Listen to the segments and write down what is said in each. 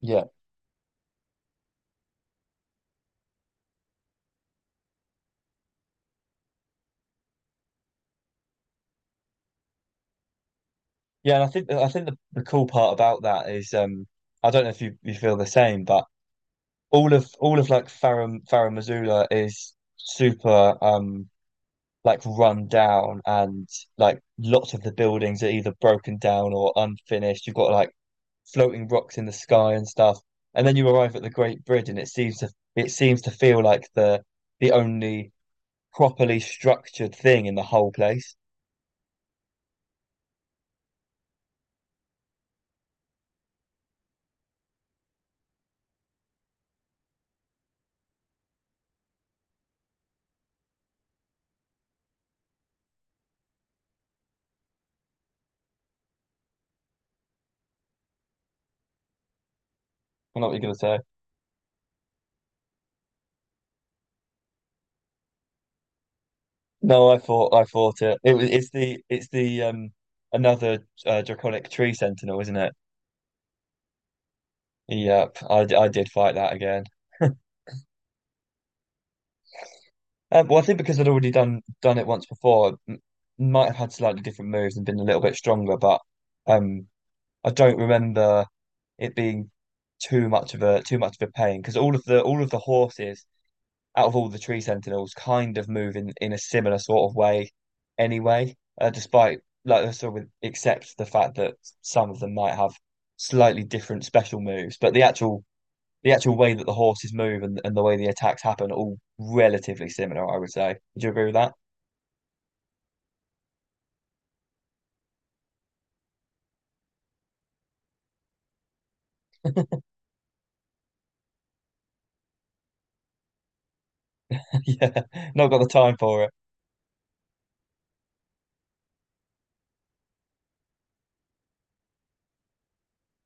Yeah. Yeah, and I think the cool part about that is I don't know if you feel the same, but all of like Farah Farah Missoula is super like run down and like lots of the buildings are either broken down or unfinished. You've got like floating rocks in the sky and stuff. And then you arrive at the Great Bridge and it seems to feel like the only properly structured thing in the whole place. I know what you're gonna say. No, I thought it. It was it's the another draconic tree sentinel, isn't it? Yep, I did fight that again. Well, I think because I'd already done it once before, might have had slightly different moves and been a little bit stronger, but um, I don't remember it being too much of a pain because all of the horses out of all the tree sentinels kind of move in a similar sort of way anyway, despite like sort of except the fact that some of them might have slightly different special moves, but the actual way that the horses move and the way the attacks happen are all relatively similar, I would say. Would you agree with that? Yeah, not got the time for it.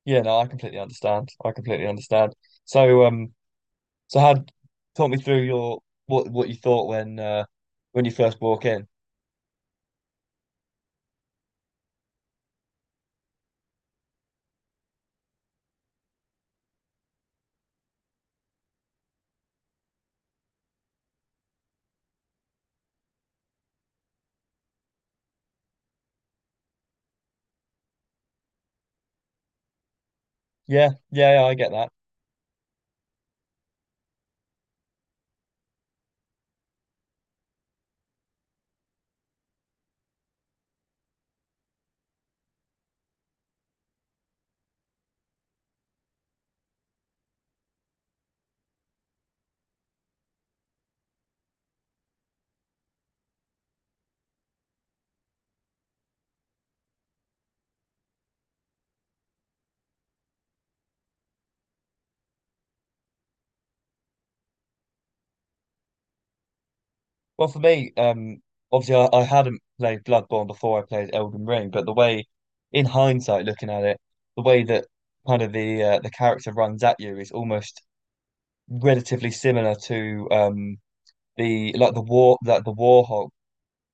Yeah, no, I completely understand. I completely understand. So, so had talk me through your what you thought when you first walk in. Yeah, yeah, yeah, I get that. Well, for me, obviously I hadn't played Bloodborne before I played Elden Ring, but the way, in hindsight, looking at it, the way that kind of the character runs at you is almost relatively similar to the like the war like the warhog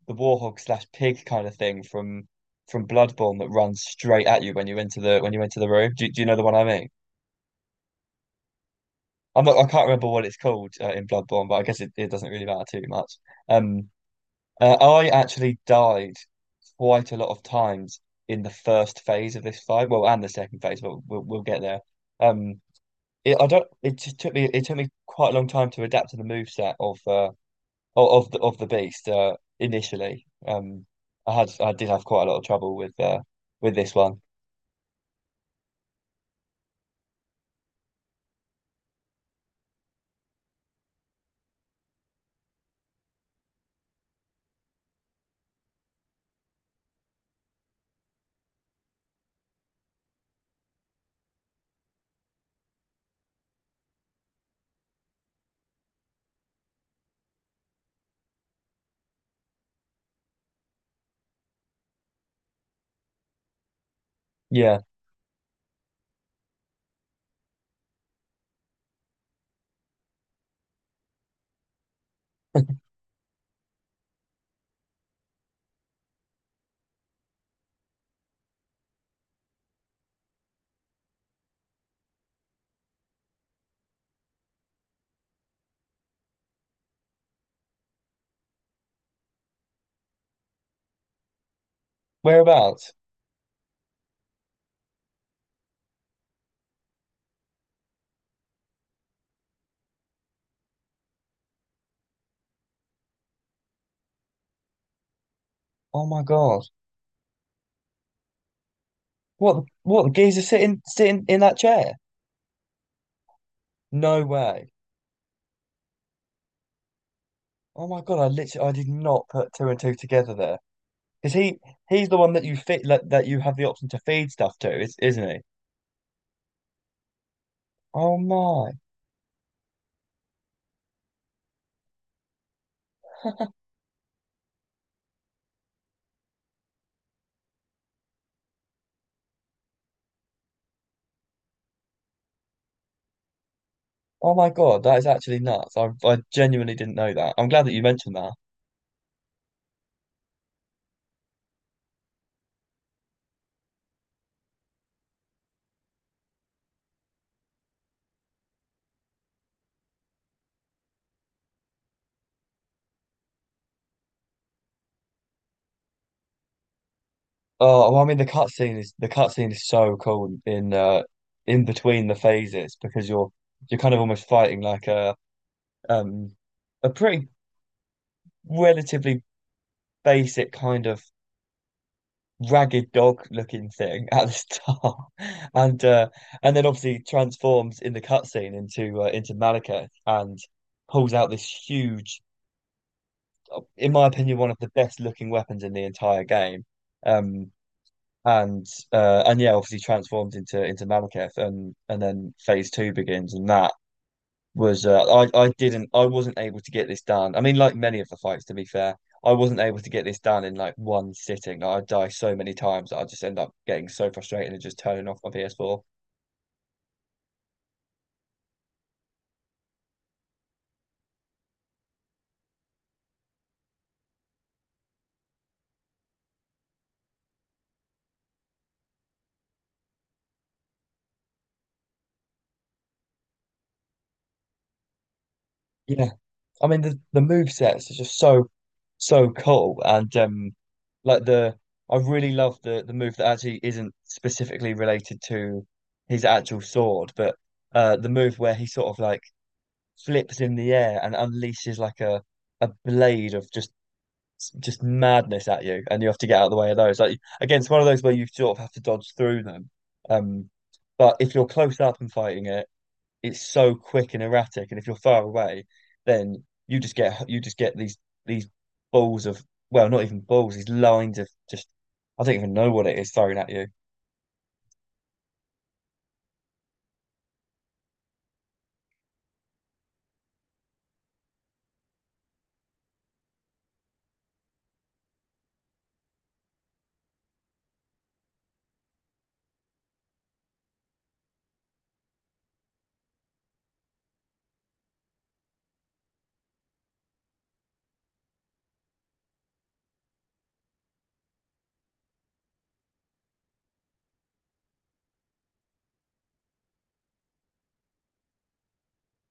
the warhog slash pig kind of thing from Bloodborne that runs straight at you when you enter the room. Do you know the one I mean? I can't remember what it's called in Bloodborne, but I guess it doesn't really matter too much. Um, I actually died quite a lot of times in the first phase of this fight. Well, and the second phase, but we'll get there. Um, it, I don't. It just took me. It took me quite a long time to adapt to the moveset of of the beast. Initially, I did have quite a lot of trouble with this one. Yeah. Whereabouts? Oh my God! What the geezer sitting in that chair? No way! Oh my God! I literally I did not put two and two together there. Because he he's the one that you have the option to feed stuff to, is isn't he? Oh my. Oh my God, that is actually nuts. I genuinely didn't know that. I'm glad that you mentioned that. Oh, well, I mean the cutscene is so cool in between the phases because you're kind of almost fighting like um a pretty relatively basic kind of ragged dog looking thing at the start, and uh, and then obviously transforms in the cutscene into Malekith and pulls out this huge, in my opinion, one of the best looking weapons in the entire game. Um, and yeah, obviously transforms into Malekith, and then phase two begins, and that was I didn't I wasn't able to get this done. I mean, like many of the fights, to be fair, I wasn't able to get this done in like one sitting. Like, I die so many times that I just end up getting so frustrated and just turning off my PS4. Yeah, I mean the move sets are just so so cool and like the I really love the move that actually isn't specifically related to his actual sword, but the move where he sort of like flips in the air and unleashes like a blade of just just madness at you, and you have to get out of the way of those. Like again, it's one of those where you sort of have to dodge through them. Um, but if you're close up and fighting it, it's so quick and erratic, and if you're far away, then you just get these balls of well, not even balls, these lines of just I don't even know what it is thrown at you.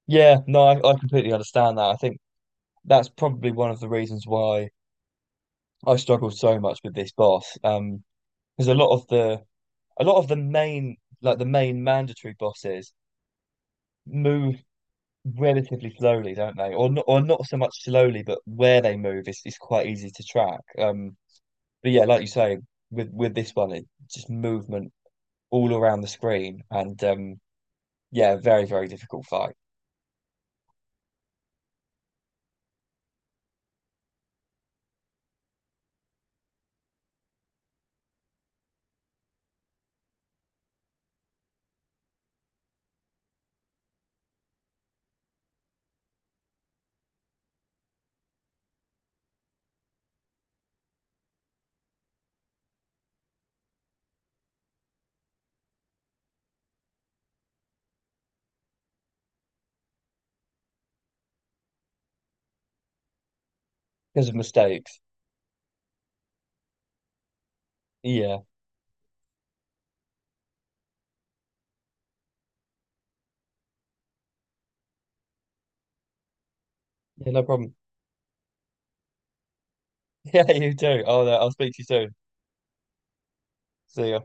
Yeah, no, I completely understand that. I think that's probably one of the reasons why I struggled so much with this boss. Because a lot of the main like the main mandatory bosses move relatively slowly, don't they? Or not so much slowly, but where they move is quite easy to track. But yeah, like you say, with this one, it just movement all around the screen, and yeah, very very difficult fight because of mistakes. Yeah, yeah, no problem. Yeah, you do. Oh, no, I'll speak to you soon. See ya.